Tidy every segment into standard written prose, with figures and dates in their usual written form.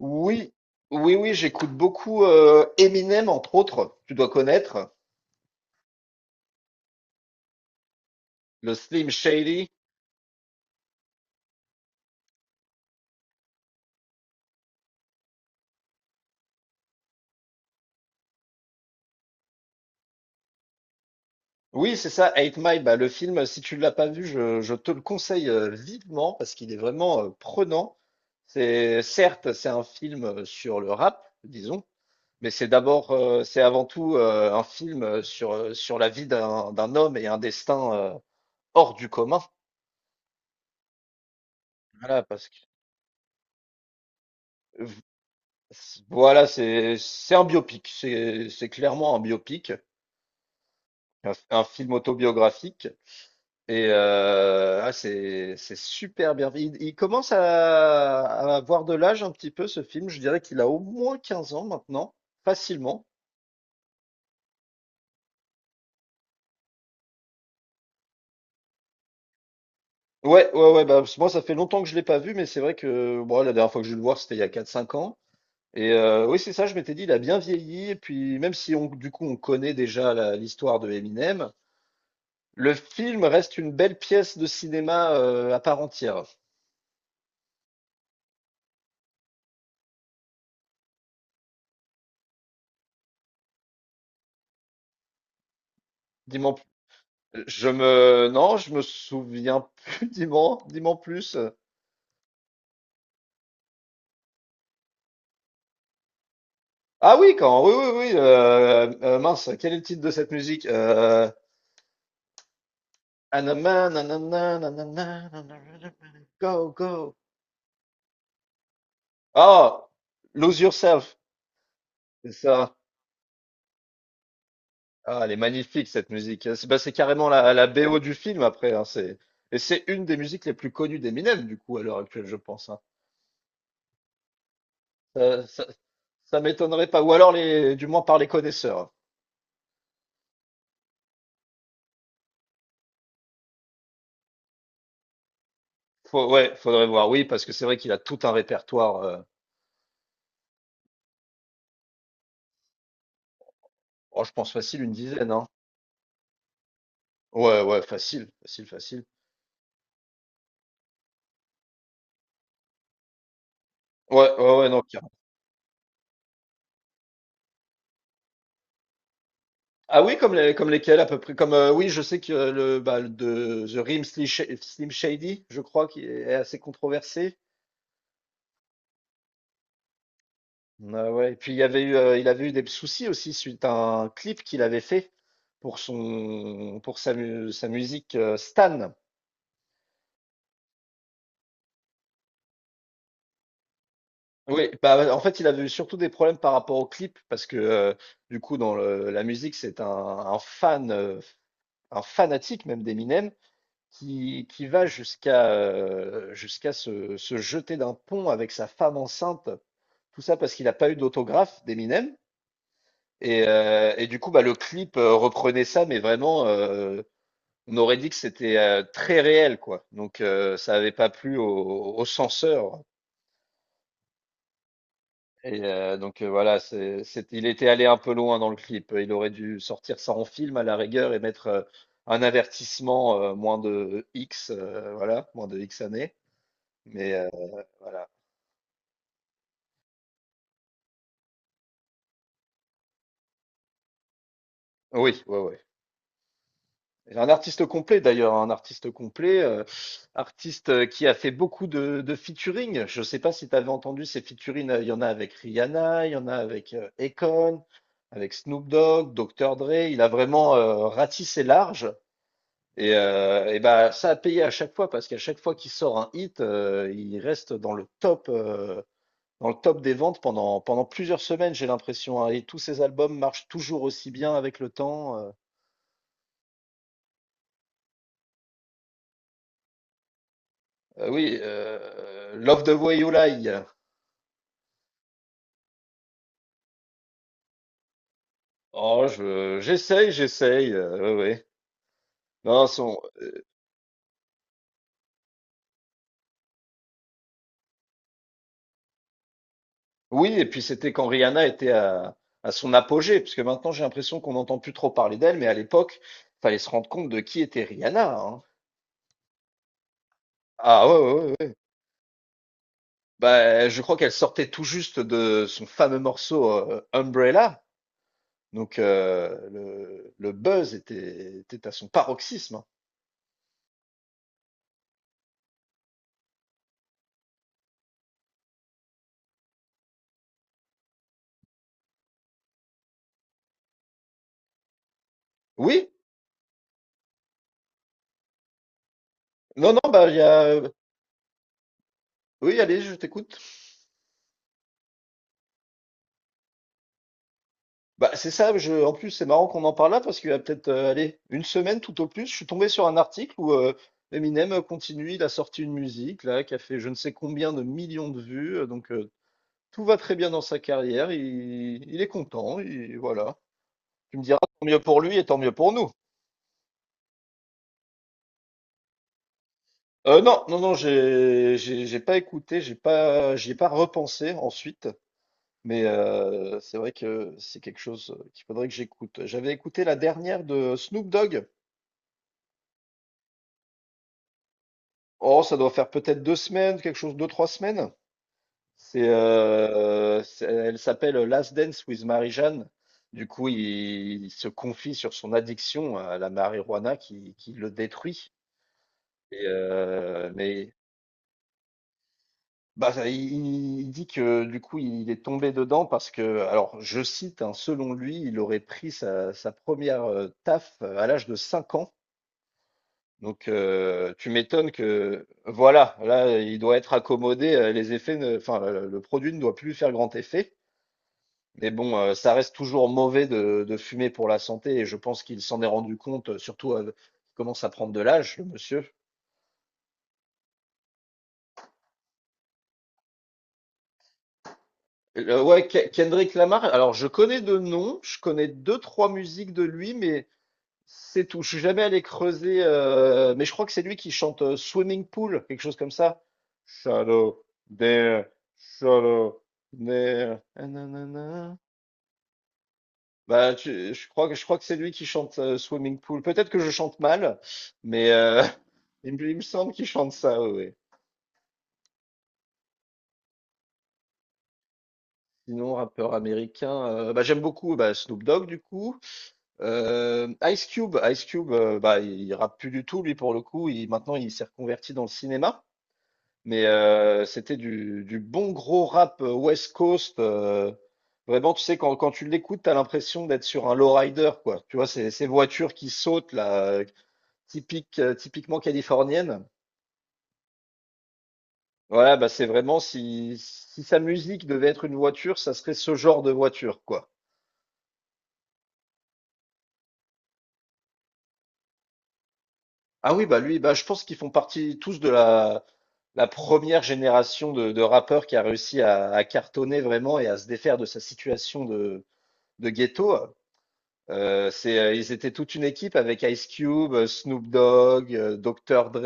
Oui, oui, oui, j'écoute beaucoup Eminem, entre autres, tu dois connaître, le Slim Shady. Oui, c'est ça, Eight Mile, bah, le film, si tu ne l'as pas vu, je te le conseille vivement parce qu'il est vraiment prenant. C'est, certes, c'est un film sur le rap, disons, mais c'est d'abord, c'est avant tout un film sur, sur la vie d'un homme et un destin hors du commun. Voilà, parce que, v- voilà, c'est un biopic, c'est clairement un biopic. Un film autobiographique. Et ah, c'est super bien. Il commence à avoir de l'âge un petit peu ce film. Je dirais qu'il a au moins 15 ans maintenant, facilement. Ouais, ouais, ouais. Bah, moi, ça fait longtemps que je l'ai pas vu, mais c'est vrai que bon, la dernière fois que j'ai dû le voir, c'était il y a 4, 5 ans. Et oui, c'est ça. Je m'étais dit, il a bien vieilli. Et puis, même si on, du coup, on connaît déjà l'histoire de Eminem, le film reste une belle pièce de cinéma à part entière. Dis-moi. Non, je me souviens plus. Dis-moi, dis-moi plus. Ah oui, oui, oui, oui. Mince, quel est le titre de cette musique? Anama, nanana, nanana, nanana, go, go. Ah, Lose Yourself, c'est ça. Ah, elle est magnifique cette musique. C'est bah, c'est carrément la BO du film après, hein. Et c'est une des musiques les plus connues d'Eminem du coup à l'heure actuelle, je pense, hein. Ça, ça, ça m'étonnerait pas. Ou alors les, du moins par les connaisseurs. Ouais, faudrait voir, oui, parce que c'est vrai qu'il a tout un répertoire. Oh, je pense facile, une dizaine, hein. Ouais, ouais, facile, facile, facile. Ouais, ouais, ouais, non, carrément. Ah oui, comme les, comme lesquels à peu près, comme oui, je sais que de The Rim Slim Shady, je crois, qui est assez controversé. Ah ouais. Et puis il avait eu des soucis aussi suite à un clip qu'il avait fait pour son, pour sa, mu- sa musique Stan. Oui, bah, en fait, il avait eu surtout des problèmes par rapport au clip parce que du coup, dans la musique, c'est un fan, un fanatique même d'Eminem qui va jusqu'à jusqu'à se jeter d'un pont avec sa femme enceinte. Tout ça parce qu'il n'a pas eu d'autographe d'Eminem. Et du coup, bah, le clip reprenait ça, mais vraiment, on aurait dit que c'était très réel, quoi. Donc, ça n'avait pas plu au censeur. Et donc voilà, c'est, il était allé un peu loin dans le clip. Il aurait dû sortir ça en film à la rigueur et mettre un avertissement moins de X, voilà, moins de X années. Mais voilà. Oui, ouais, ouais. Et un artiste complet d'ailleurs, un artiste complet, artiste qui a fait beaucoup de featuring. Je sais pas si tu avais entendu ces featuring. Il y en a avec Rihanna, il y en a avec Akon, avec Snoop Dogg, Dr. Dre. Il a vraiment ratissé large. Et bah, ça a payé à chaque fois parce qu'à chaque fois qu'il sort un hit, il reste dans le top des ventes pendant plusieurs semaines, j'ai l'impression, hein. Et tous ses albums marchent toujours aussi bien avec le temps. Oui, Love the Way You Lie. Oh, j'essaye, j'essaye. Ouais, ouais. Non, son, oui, et puis c'était quand Rihanna était à son apogée, parce que maintenant j'ai l'impression qu'on n'entend plus trop parler d'elle, mais à l'époque, fallait se rendre compte de qui était Rihanna, hein. Ah ouais, ouais, ouais, ouais. Bah, je crois qu'elle sortait tout juste de son fameux morceau, Umbrella, donc le buzz était à son paroxysme, hein. Oui, non, non, bah, il y a, oui, allez, je t'écoute. Bah, c'est ça, je en plus, c'est marrant qu'on en parle là parce qu'il y a peut-être, allez, une semaine tout au plus, je suis tombé sur un article où, Eminem, continue, il a sorti une musique là, qui a fait je ne sais combien de millions de vues, donc tout va très bien dans sa carrière, il est content, il voilà. Tu me diras, tant mieux pour lui et tant mieux pour nous. Non, non, non, j'ai pas écouté, j'ai pas, j'y ai pas repensé ensuite, mais c'est vrai que c'est quelque chose qu'il faudrait que j'écoute. J'avais écouté la dernière de Snoop Dogg. Oh, ça doit faire peut-être 2 semaines, quelque chose, 2, 3 semaines. C'est, elle s'appelle Last Dance with Marie-Jeanne. Du coup, il se confie sur son addiction à la marijuana qui le détruit. Et, mais bah, ça, il dit que du coup, il est tombé dedans parce que, alors je cite, hein, selon lui, il aurait pris sa première taf à l'âge de 5 ans. Donc, tu m'étonnes que, voilà, là, il doit être accommodé, les effets, enfin, le produit ne doit plus lui faire grand effet. Mais bon, ça reste toujours mauvais de fumer pour la santé et je pense qu'il s'en est rendu compte, surtout il commence à prendre de l'âge, le monsieur. Ouais, Kendrick Lamar, alors je connais de nom, je connais deux, trois musiques de lui, mais. C'est tout. Je suis jamais allé creuser, mais je crois que c'est lui qui chante Swimming Pool, quelque chose comme ça. Shallow there, shallow there. Ah, nanana. Bah, je crois que c'est lui qui chante Swimming Pool. Peut-être que je chante mal, mais il me semble qu'il chante ça. Ouais, ouais. Sinon, rappeur américain, bah, j'aime beaucoup bah, Snoop Dogg du coup. Ice Cube, bah, il rappe plus du tout lui pour le coup. Il, maintenant, il s'est reconverti dans le cinéma. Mais c'était du bon gros rap West Coast. Vraiment, tu sais, quand tu l'écoutes, t'as l'impression d'être sur un lowrider, quoi. Tu vois, ces voitures qui sautent, là, typique, typiquement californienne. Voilà, bah c'est vraiment si, si sa musique devait être une voiture, ça serait ce genre de voiture, quoi. Ah oui, bah lui, bah je pense qu'ils font partie tous de la première génération de rappeurs qui a réussi à cartonner vraiment et à se défaire de sa situation de ghetto. C'est, ils étaient toute une équipe avec Ice Cube, Snoop Dogg, Dr. Dre.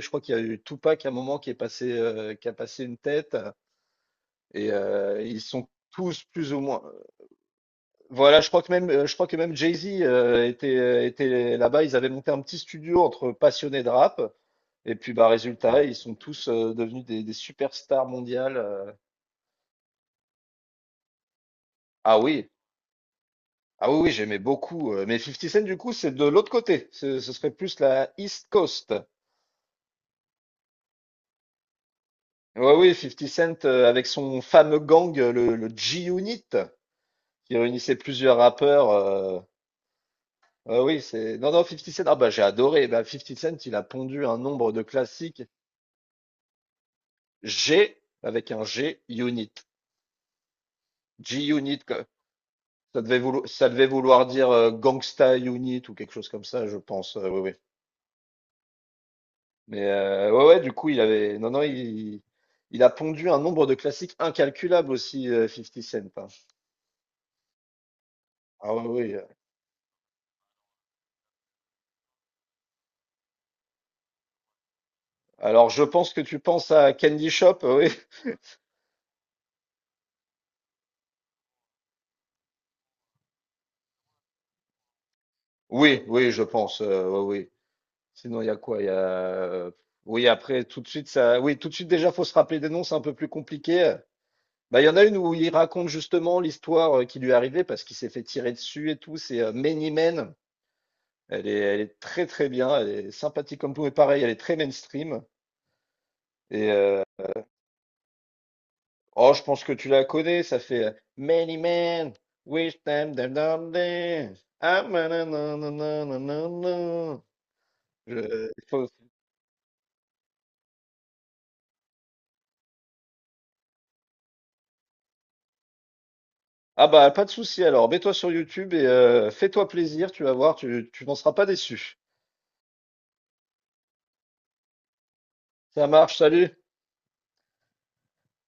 Je crois qu'il y a eu Tupac à un moment qui est passé, qui a passé une tête. Et ils sont tous plus ou moins. Voilà, je crois que même, je crois que même Jay-Z était là-bas. Ils avaient monté un petit studio entre passionnés de rap. Et puis, bah, résultat, ils sont tous devenus des superstars mondiales. Ah oui, ah oui, oui, j'aimais beaucoup. Mais 50 Cent, du coup, c'est de l'autre côté. Ce serait plus la East Coast. Ouais, oui, 50 Cent avec son fameux gang, le G-Unit, qui réunissait plusieurs rappeurs. Ouais, oui, c'est. Non, non, 50 Cent. Ah bah j'ai adoré. Bah, 50 Cent, il a pondu un nombre de classiques. G avec un G-Unit. G-Unit, quoi. Ça devait vouloir, ça devait vouloir dire Gangsta Unit ou quelque chose comme ça, je pense. Oui, oui. Mais ouais, ouais, du coup, il avait. Non, non, il a pondu un nombre de classiques incalculables aussi, 50 Cent, hein. Ah oui, oui. Alors, je pense que tu penses à Candy Shop, oui. Oui, oui, je pense, oui. Oui. Sinon, il y a quoi? Il y a... oui, après, tout de suite, ça... Oui, tout de suite, déjà, faut se rappeler des noms, c'est un peu plus compliqué. Bah, il y en a une où il raconte justement l'histoire qui lui est arrivée parce qu'il s'est fait tirer dessus et tout. C'est Many Men. Elle est très, très bien. Elle est sympathique comme tout. Et pareil, elle est très mainstream. Et oh, je pense que tu la connais, ça fait Many men wish them them them them. Ah, manananananana. Je- il faut- Ah bah, pas de souci alors. Mets-toi sur YouTube et fais-toi plaisir, tu vas voir, tu n'en seras pas déçu. Ça marche, salut.